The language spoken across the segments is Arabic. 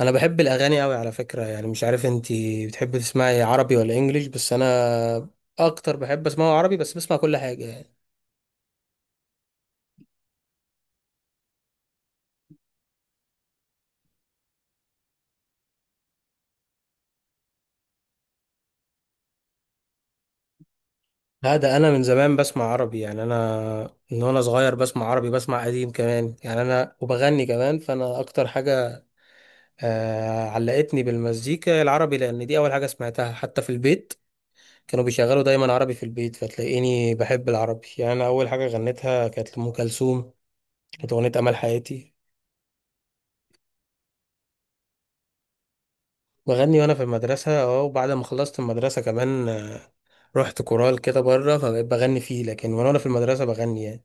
انا بحب الاغاني قوي على فكره، يعني مش عارف انتي بتحبي تسمعي عربي ولا انجليش، بس انا اكتر بحب اسمعه عربي، بس بسمع كل حاجه يعني. لا، ده انا من زمان بسمع عربي، يعني انا من وانا صغير بسمع عربي، بسمع قديم كمان يعني، انا وبغني كمان. فانا اكتر حاجه علقتني بالمزيكا العربي لان دي اول حاجه سمعتها حتى في البيت. كانوا بيشغلوا دايما عربي في البيت، فتلاقيني بحب العربي يعني. انا اول حاجه غنيتها كانت لأم كلثوم، كانت اغنيه امل حياتي. بغني وانا في المدرسه اه، وبعد ما خلصت المدرسه كمان رحت كورال كده بره فبقيت بغني فيه، لكن وأنا في المدرسه بغني يعني.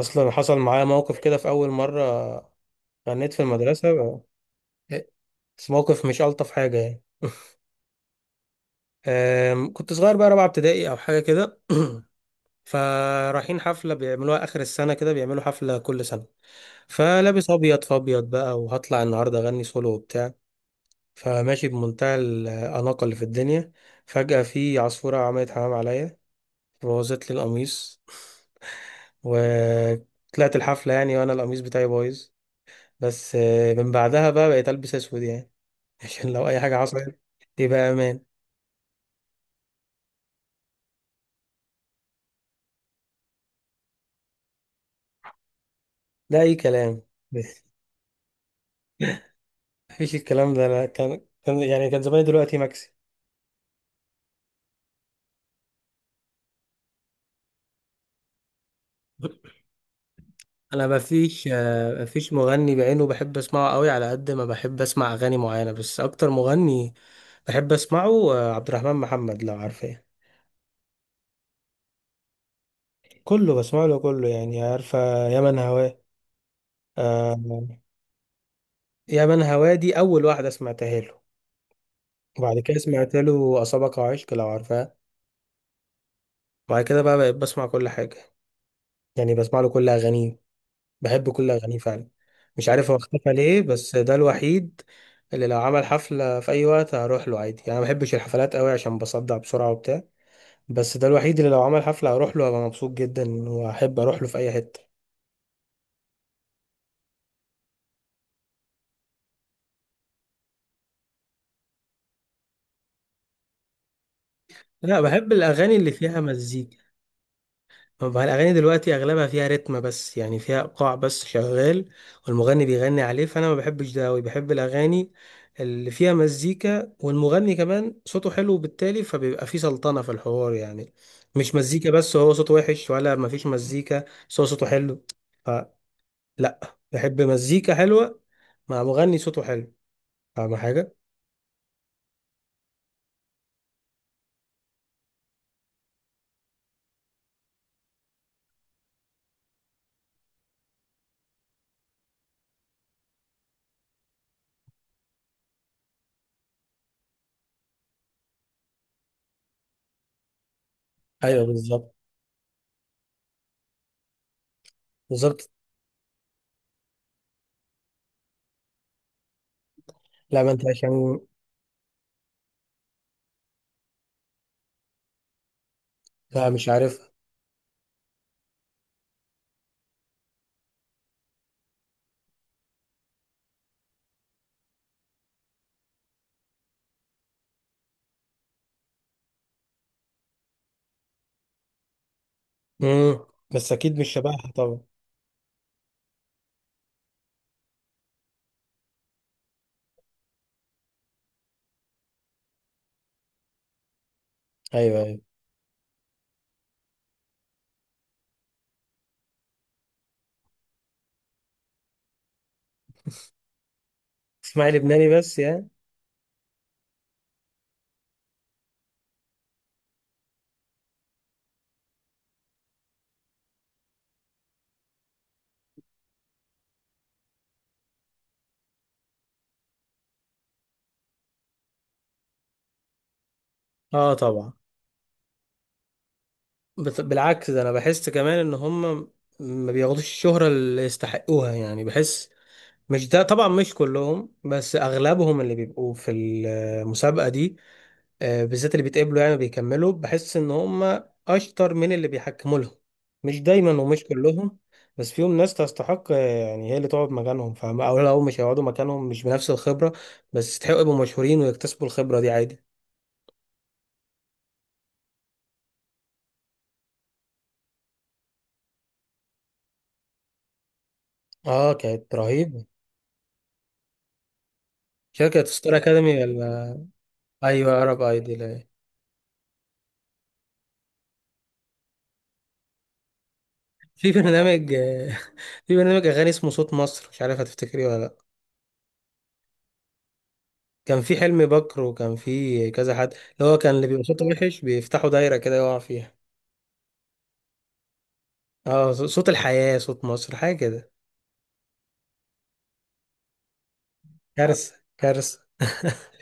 اصلا حصل معايا موقف كده في اول مره غنيت في المدرسه بس موقف مش الطف حاجه يعني. كنت صغير، بقى رابعه ابتدائي او حاجه كده. فرايحين حفله بيعملوها اخر السنه، كده بيعملوا حفله كل سنه. فلابس ابيض في ابيض بقى، وهطلع النهارده اغني سولو وبتاع. فماشي بمنتهى الاناقه اللي في الدنيا، فجاه في عصفوره عملت حمام عليا، بوظت لي القميص. وطلعت الحفلة يعني وأنا القميص بتاعي بايظ. بس من بعدها بقى بقيت ألبس أسود يعني. عشان لو أي حاجة حصلت يبقى أمان. ده أي كلام. مفيش الكلام ده، لا كان يعني، كان زماني دلوقتي مكسي. انا مفيش مفيش مغني بعينه بحب اسمعه قوي على قد ما بحب اسمع اغاني معينه، بس اكتر مغني بحب اسمعه عبد الرحمن محمد، لو عارفاه. كله بسمع له كله يعني، عارفه يا من هواه. آه، يا من هوادي أول واحدة سمعتها له. وبعد كده سمعت له أصابك عشق لو عارفها. وبعد كده بقى بقيت بسمع كل حاجة، يعني بسمع له كل أغانيه، بحب كل أغانيه فعلا. مش عارف هو اختفى ليه، بس ده الوحيد اللي لو عمل حفلة في أي وقت هروح له عادي. يعني أنا ما بحبش الحفلات قوي عشان بصدع بسرعة وبتاع، بس ده الوحيد اللي لو عمل حفلة هروح له، هبقى مبسوط جدا، وأحب أروح له في أي حتة. لا، بحب الأغاني اللي فيها مزيكا. طب الأغاني دلوقتي أغلبها فيها رتم بس، يعني فيها إيقاع بس شغال والمغني بيغني عليه، فأنا ما بحبش ده أوي. بحب الأغاني اللي فيها مزيكا والمغني كمان صوته حلو، بالتالي فبيبقى فيه سلطنة في الحوار يعني. مش مزيكا بس هو صوته وحش، ولا مفيش مزيكا بس هو صوته حلو. فلا، بحب مزيكا حلوة مع مغني صوته حلو. فاهم حاجة؟ أيوه بالظبط. بالظبط. لا ما أنت عشان. لا مش عارفها. مم. بس أكيد مش شبهها طبعا. أيوه، أيوه. تسمعي لبناني بس يعني؟ اه طبعا. بالعكس، ده انا بحس كمان ان هم ما بياخدوش الشهرة اللي يستحقوها، يعني بحس، مش ده طبعا، مش كلهم، بس اغلبهم اللي بيبقوا في المسابقة دي بالذات اللي بيتقبلوا، يعني بيكملوا، بحس ان هم اشطر من اللي بيحكموا لهم. مش دايما ومش كلهم، بس فيهم ناس تستحق يعني هي اللي تقعد مكانهم، فاهم، او لو مش هيقعدوا مكانهم مش بنفس الخبرة، بس يستحقوا يبقوا مشهورين ويكتسبوا الخبرة دي عادي. اه كانت رهيبة. شركة ستار أكاديمي، ولا أيوة عرب أيدل، أيوة. في برنامج. في برنامج أغاني اسمه صوت مصر، مش عارف هتفتكريه ولا لأ. كان في حلمي بكر، وكان في كذا حد اللي هو كان اللي بيبقى صوته وحش بيفتحوا دايرة كده يقع فيها. اه، صوت الحياة، صوت مصر، حاجة كده. كارثة، كارثة.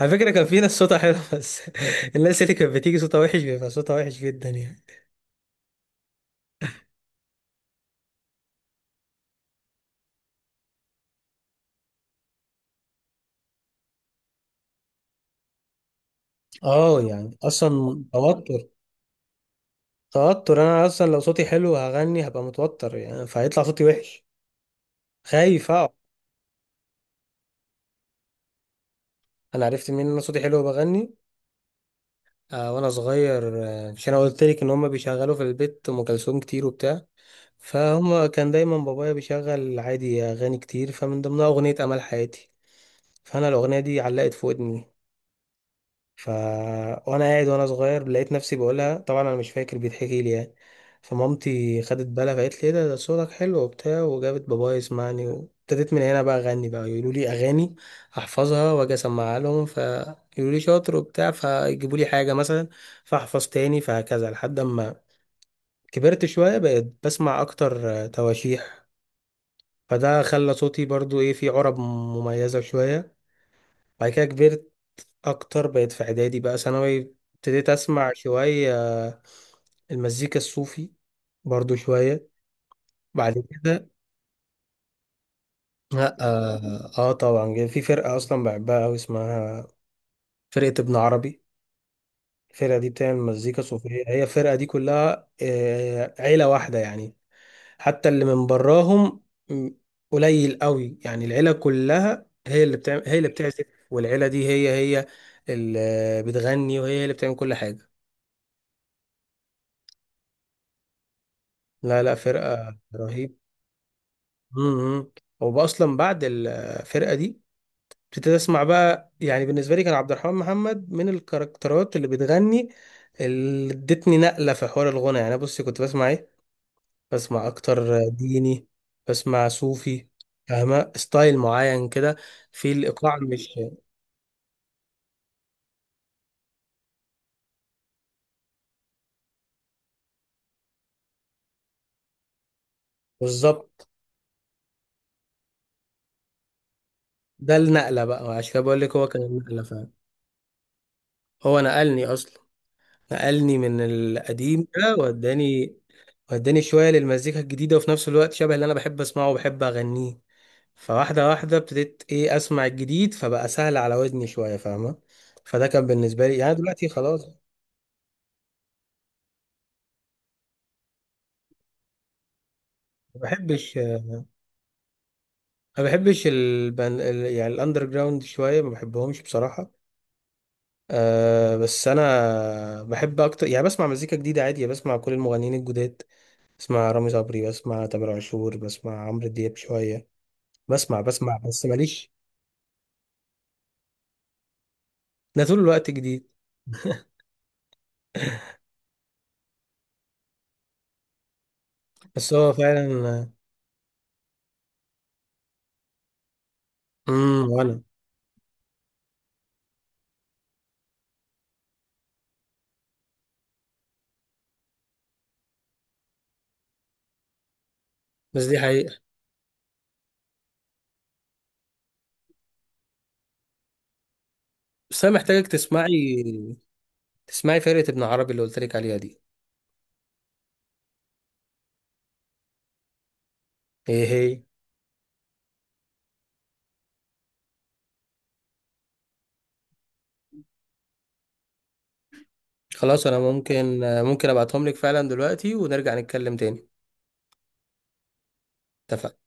على فكرة كان في ناس صوتها حلو، بس الناس اللي كانت بتيجي صوتها وحش بيبقى صوتها وحش جدا يعني. اه، يعني اصلا توتر. توتر، انا اصلا لو صوتي حلو هغني هبقى متوتر يعني فهيطلع صوتي وحش، خايف. انا عرفت منين ان انا صوتي حلو وبغني؟ وانا صغير عشان انا قلت لك ان هم بيشغلوا في البيت ام كلثوم كتير وبتاع. فهم كان دايما بابايا بيشغل عادي اغاني كتير، فمن ضمنها اغنيه امل حياتي. فانا الاغنيه دي علقت في ودني. ف... وانا قاعد وانا صغير لقيت نفسي بقولها، طبعا انا مش فاكر، بيتحكي لي يعني. فمامتي خدت بالها، فقالت لي ايه ده، ده صوتك حلو وبتاع، وجابت بابايا يسمعني، وابتديت من هنا بقى اغني. بقى يقولوا لي اغاني احفظها واجي اسمعها لهم، فيقولوا لي شاطر وبتاع، فيجيبوا لي حاجه مثلا، فاحفظ تاني، فهكذا لحد ما كبرت شويه بقيت بسمع اكتر تواشيح. فده خلى صوتي برضو ايه، فيه عرب مميزه شويه. بعد كده كبرت اكتر، بقيت في اعدادي بقى ثانوي، ابتديت اسمع شويه المزيكا الصوفي برضو شويه. بعد كده لا طبعا، جه في فرقه اصلا بحبها قوي اسمها فرقه ابن عربي. الفرقه دي بتعمل مزيكا صوفيه. هي الفرقه دي كلها عيله واحده يعني، حتى اللي من براهم م- قليل قوي، يعني العيله كلها هي اللي بتعمل هي اللي بتعزف، والعيله دي هي هي اللي بتغني، وهي اللي بتعمل كل حاجه. لا لا، فرقه رهيبة. امم، واصلا بعد الفرقه دي ابتديت اسمع بقى، يعني بالنسبه لي كان عبد الرحمن محمد من الكاركترات اللي بتغني اللي ادتني نقله في حوار الغنى. يعني بصي، كنت بسمع ايه؟ بسمع اكتر ديني، بسمع صوفي، فاهمه ستايل معين كده في الايقاع، مش بالظبط. ده النقله بقى، عشان كده بقول لك هو كان النقله فعلا. هو نقلني اصلا، نقلني من القديم ده، واداني... وداني شوية للمزيكا الجديدة، وفي نفس الوقت شبه اللي أنا بحب أسمعه وبحب أغنيه. فواحدة واحدة ابتديت إيه أسمع الجديد، فبقى سهل على ودني شوية، فاهمة. فده كان بالنسبة لي يعني. دلوقتي خلاص. ما بحبش، ما بحبش يعني الأندر جراوند شوية، ما بحبهمش بصراحة. أه، بس أنا بحب أكتر، يعني بسمع مزيكا جديدة عادي، يعني بسمع كل المغنيين الجداد. بسمع رامي صبري، بسمع تامر عاشور، بسمع عمرو دياب شوية. بسمع بس ماليش. أنا طول الوقت جديد. بس هو فعلا. امم، وانا. بس دي حقيقة. بس انا محتاجك تسمعي فرقة ابن عربي اللي قلت لك عليها دي. ايه هي؟ خلاص انا ممكن ابعتهم لك فعلا دلوقتي، ونرجع نتكلم تاني. اتفقنا.